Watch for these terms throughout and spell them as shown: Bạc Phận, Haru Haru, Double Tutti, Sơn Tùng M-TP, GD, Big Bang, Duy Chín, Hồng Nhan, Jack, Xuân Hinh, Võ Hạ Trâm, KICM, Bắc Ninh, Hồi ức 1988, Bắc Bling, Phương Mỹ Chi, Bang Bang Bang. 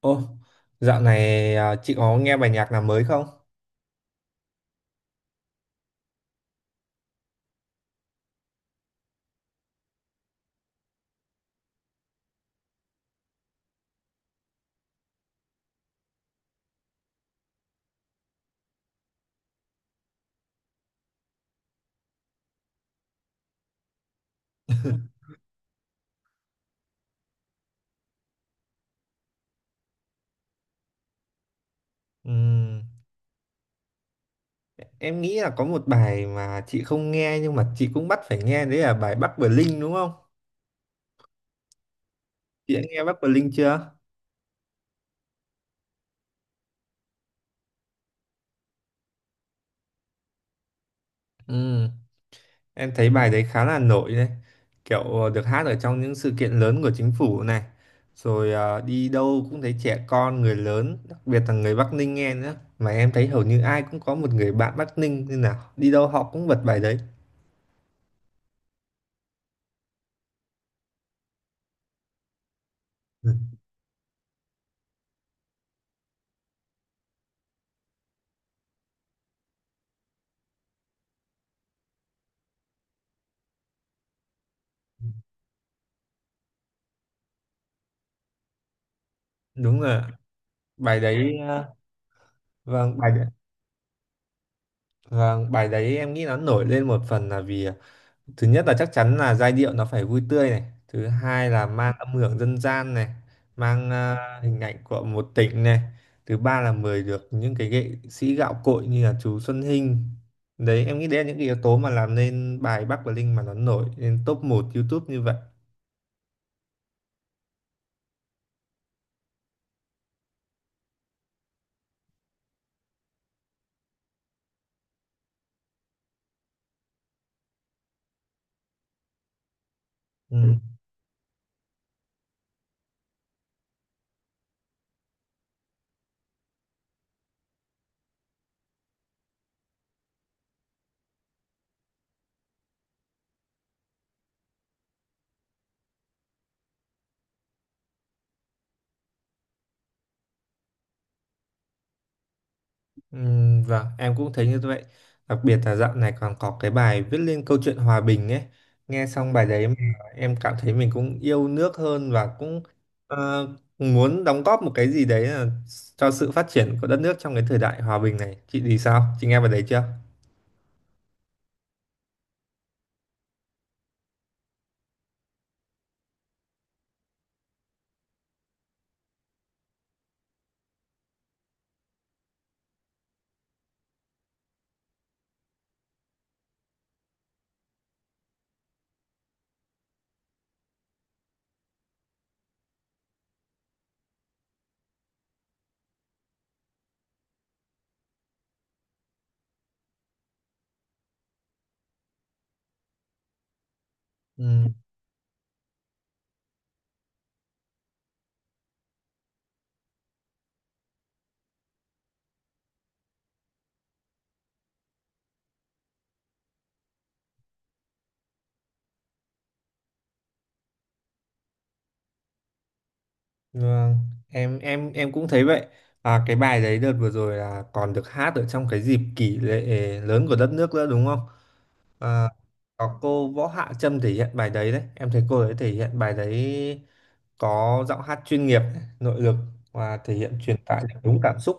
Ô, dạo này à, chị có nghe bài nhạc nào mới không? Ừm, em nghĩ là có một bài mà chị không nghe nhưng mà chị cũng bắt phải nghe đấy là bài Bắc Bling đúng không? Chị đã nghe Bắc Bling chưa? Ừm, em thấy bài đấy khá là nổi đấy. Kiểu được hát ở trong những sự kiện lớn của chính phủ này. Rồi à, đi đâu cũng thấy trẻ con, người lớn, đặc biệt là người Bắc Ninh nghe nữa. Mà em thấy hầu như ai cũng có một người bạn Bắc Ninh nên là đi đâu họ cũng bật bài đấy. Ừ. Đúng rồi, bài đấy ờ, Vâng, bài đấy, vâng, bài đấy em nghĩ nó nổi lên một phần là vì thứ nhất là chắc chắn là giai điệu nó phải vui tươi này, thứ hai là mang âm hưởng dân gian này, mang hình ảnh của một tỉnh này, thứ ba là mời được những cái nghệ sĩ gạo cội như là chú Xuân Hinh. Đấy, em nghĩ đấy là những cái yếu tố mà làm nên bài Bắc và Linh mà nó nổi lên top một YouTube như vậy. Ừ. Vâng, em cũng thấy như vậy. Đặc biệt là dạo này còn có cái bài viết lên câu chuyện hòa bình ấy. Nghe xong bài đấy mà em cảm thấy mình cũng yêu nước hơn và cũng ờ, muốn đóng góp một cái gì đấy là cho sự phát triển của đất nước trong cái thời đại hòa bình này. Chị thì sao? Chị nghe bài đấy chưa? Ừm, vâng, em cũng thấy vậy. À, cái bài đấy đợt vừa rồi là còn được hát ở trong cái dịp kỷ lễ lớn của đất nước nữa đúng không? Ờ, có cô Võ Hạ Trâm thể hiện bài đấy đấy, em thấy cô ấy thể hiện bài đấy có giọng hát chuyên nghiệp này, nội lực và thể hiện truyền tải được đúng cảm xúc.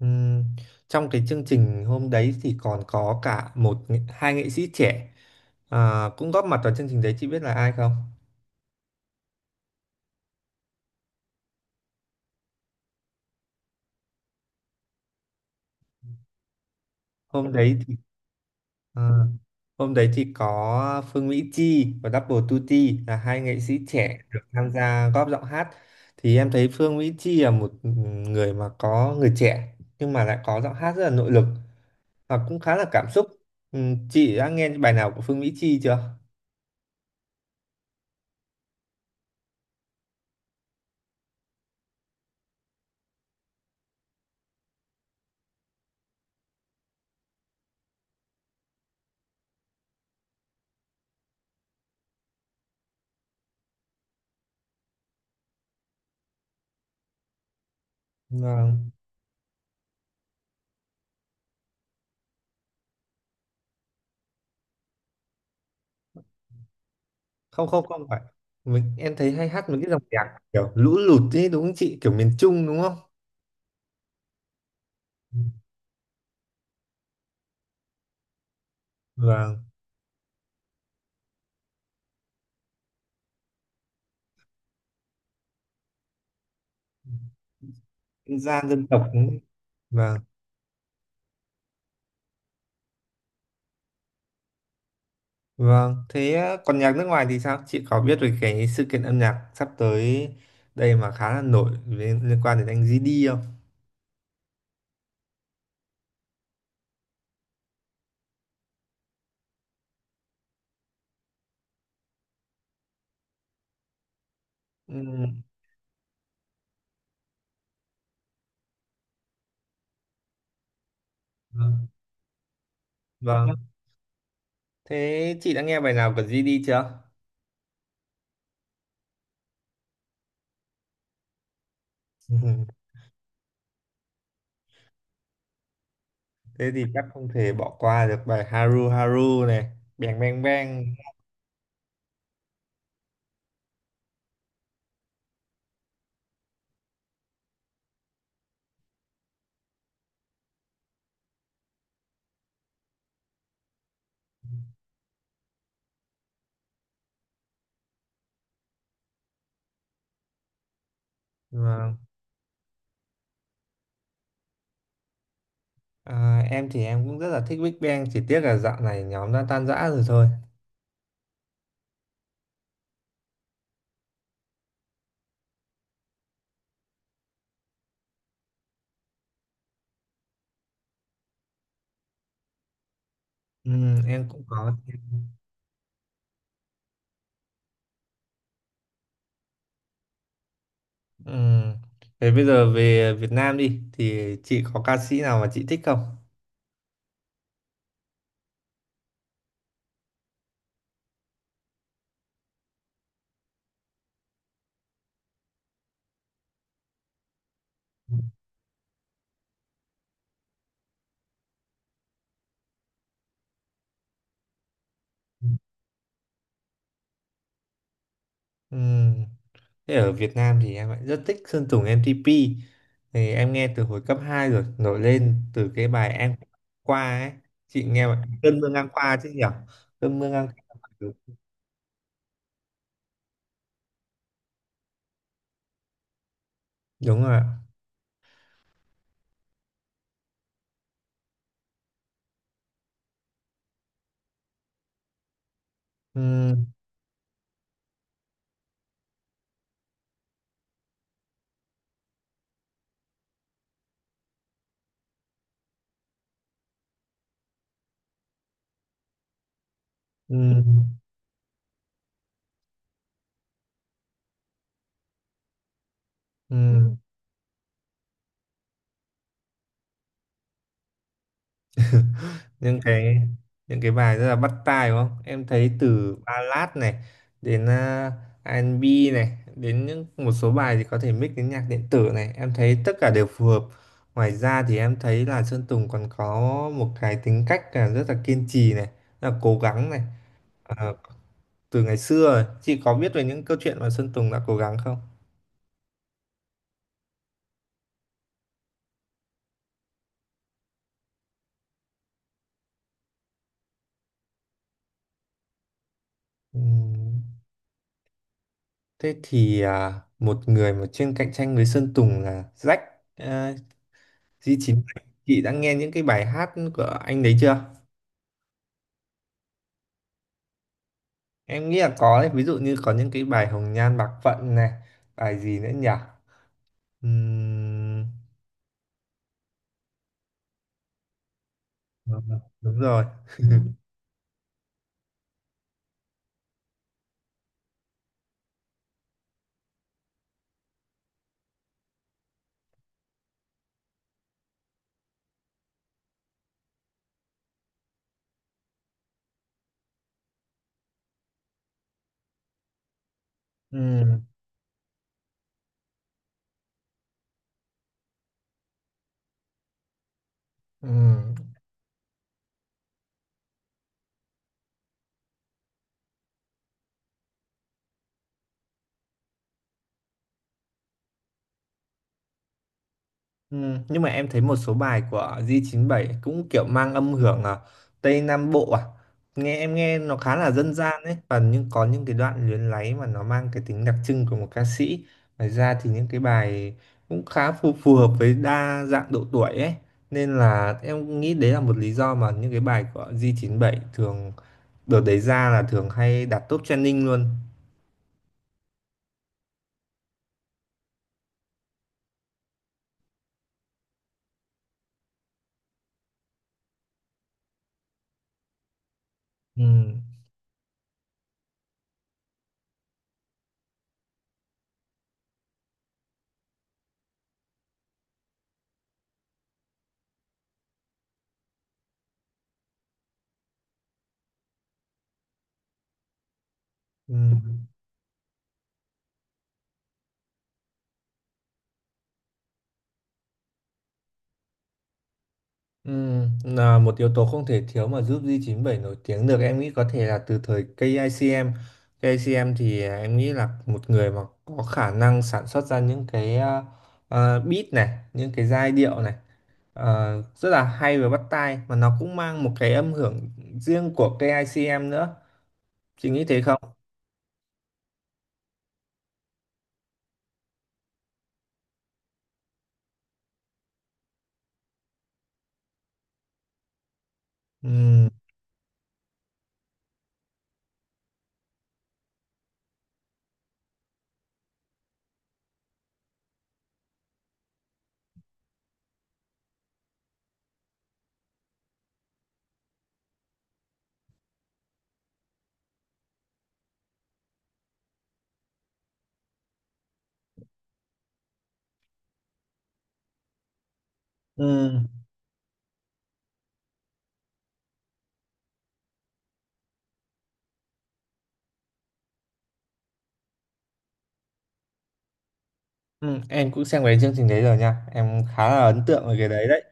Ừm, Trong cái chương trình hôm đấy thì còn có cả một hai nghệ sĩ trẻ cũng góp mặt vào chương trình đấy, chị biết là ai không? hôm đấy Ờ, Hôm đấy thì có Phương Mỹ Chi và Double Tutti là hai nghệ sĩ trẻ được tham gia góp giọng hát. Thì em thấy Phương Mỹ Chi là một người mà có người trẻ nhưng mà lại có giọng hát rất là nội lực và cũng khá là cảm xúc. Ừ, chị đã nghe bài nào của Phương Mỹ Chi chưa? Vâng. Không, không, không phải, mình em thấy hay hát một cái dòng nhạc kiểu lũ lụt ấy đúng không chị, kiểu miền Trung đúng không? Vâng. Dân gian dân tộc đúng không? Vâng. Vâng, thế á, còn nhạc nước ngoài thì sao? Chị có biết về cái sự kiện âm nhạc sắp tới đây mà khá là nổi liên quan đến anh GD không? Ừ, vâng. Vâng. Thế chị đã nghe bài nào của GD chưa? Thế thì chắc không thể bỏ qua được bài Haru Haru này, Bang Bang Bang. Vâng. À, em thì em cũng rất là thích Big Bang, chỉ tiếc là dạo này nhóm đã tan rã rồi thôi. Ừ, em cũng có. Ừ. Thế bây giờ về Việt Nam đi, thì chị có ca sĩ nào mà chị thích không? Ừm, Thế ở Việt Nam thì em lại rất thích Sơn Tùng M-TP, thì em nghe từ hồi cấp 2 rồi, nổi lên từ cái bài em qua ấy. Chị nghe bài cơn mưa ngang qua chứ nhỉ? Cơn mưa ngang qua. Ừ, đúng rồi ạ. Ừm, ừm, ừm. những cái những cái bài rất là bắt tai đúng không, em thấy từ ballad này đến R&B này, đến những một số bài thì có thể mix đến nhạc điện tử này, em thấy tất cả đều phù hợp. Ngoài ra thì em thấy là Sơn Tùng còn có một cái tính cách là rất là kiên trì này, rất là cố gắng này. Ờ, Từ ngày xưa rồi. Chị có biết về những câu chuyện mà Sơn Tùng đã cố gắng không? Ừm, Thế thì một người mà chuyên cạnh tranh với Sơn Tùng là Jack, à, Duy Chín, chị đã nghe những cái bài hát của anh đấy chưa? Em nghĩ là có đấy, ví dụ như có những cái bài Hồng Nhan Bạc Phận này, bài gì nữa nhỉ? Ừm, đúng rồi. Ừm, ừm. Ừ, nhưng mà em thấy một số bài của gi chín bảy cũng kiểu mang âm hưởng Tây Nam Bộ, nghe em nghe nó khá là dân gian ấy, và nhưng có những cái đoạn luyến láy mà nó mang cái tính đặc trưng của một ca sĩ. Ngoài ra thì những cái bài cũng khá phù hợp với đa dạng độ tuổi ấy, nên là em nghĩ đấy là một lý do mà những cái bài của gi chín bảy thường đợt đấy ra là thường hay đạt top trending luôn. Ừ. Ừ. Là một yếu tố không thể thiếu mà giúp gi chín bảy nổi tiếng được, em nghĩ có thể là từ thời KICM. KICM thì em nghĩ là một người mà có khả năng sản xuất ra những cái beat này, những cái giai điệu này rất là hay và bắt tai, mà nó cũng mang một cái âm hưởng riêng của KICM nữa. Chị nghĩ thế không? Ừm, ừm, Em cũng xem cái chương trình đấy rồi nha. Em khá là ấn tượng về cái đấy đấy.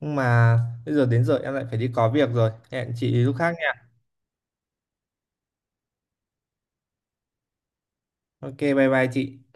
Nhưng mà bây giờ đến giờ em lại phải đi có việc rồi. Hẹn chị lúc khác. Ok, bye bye chị.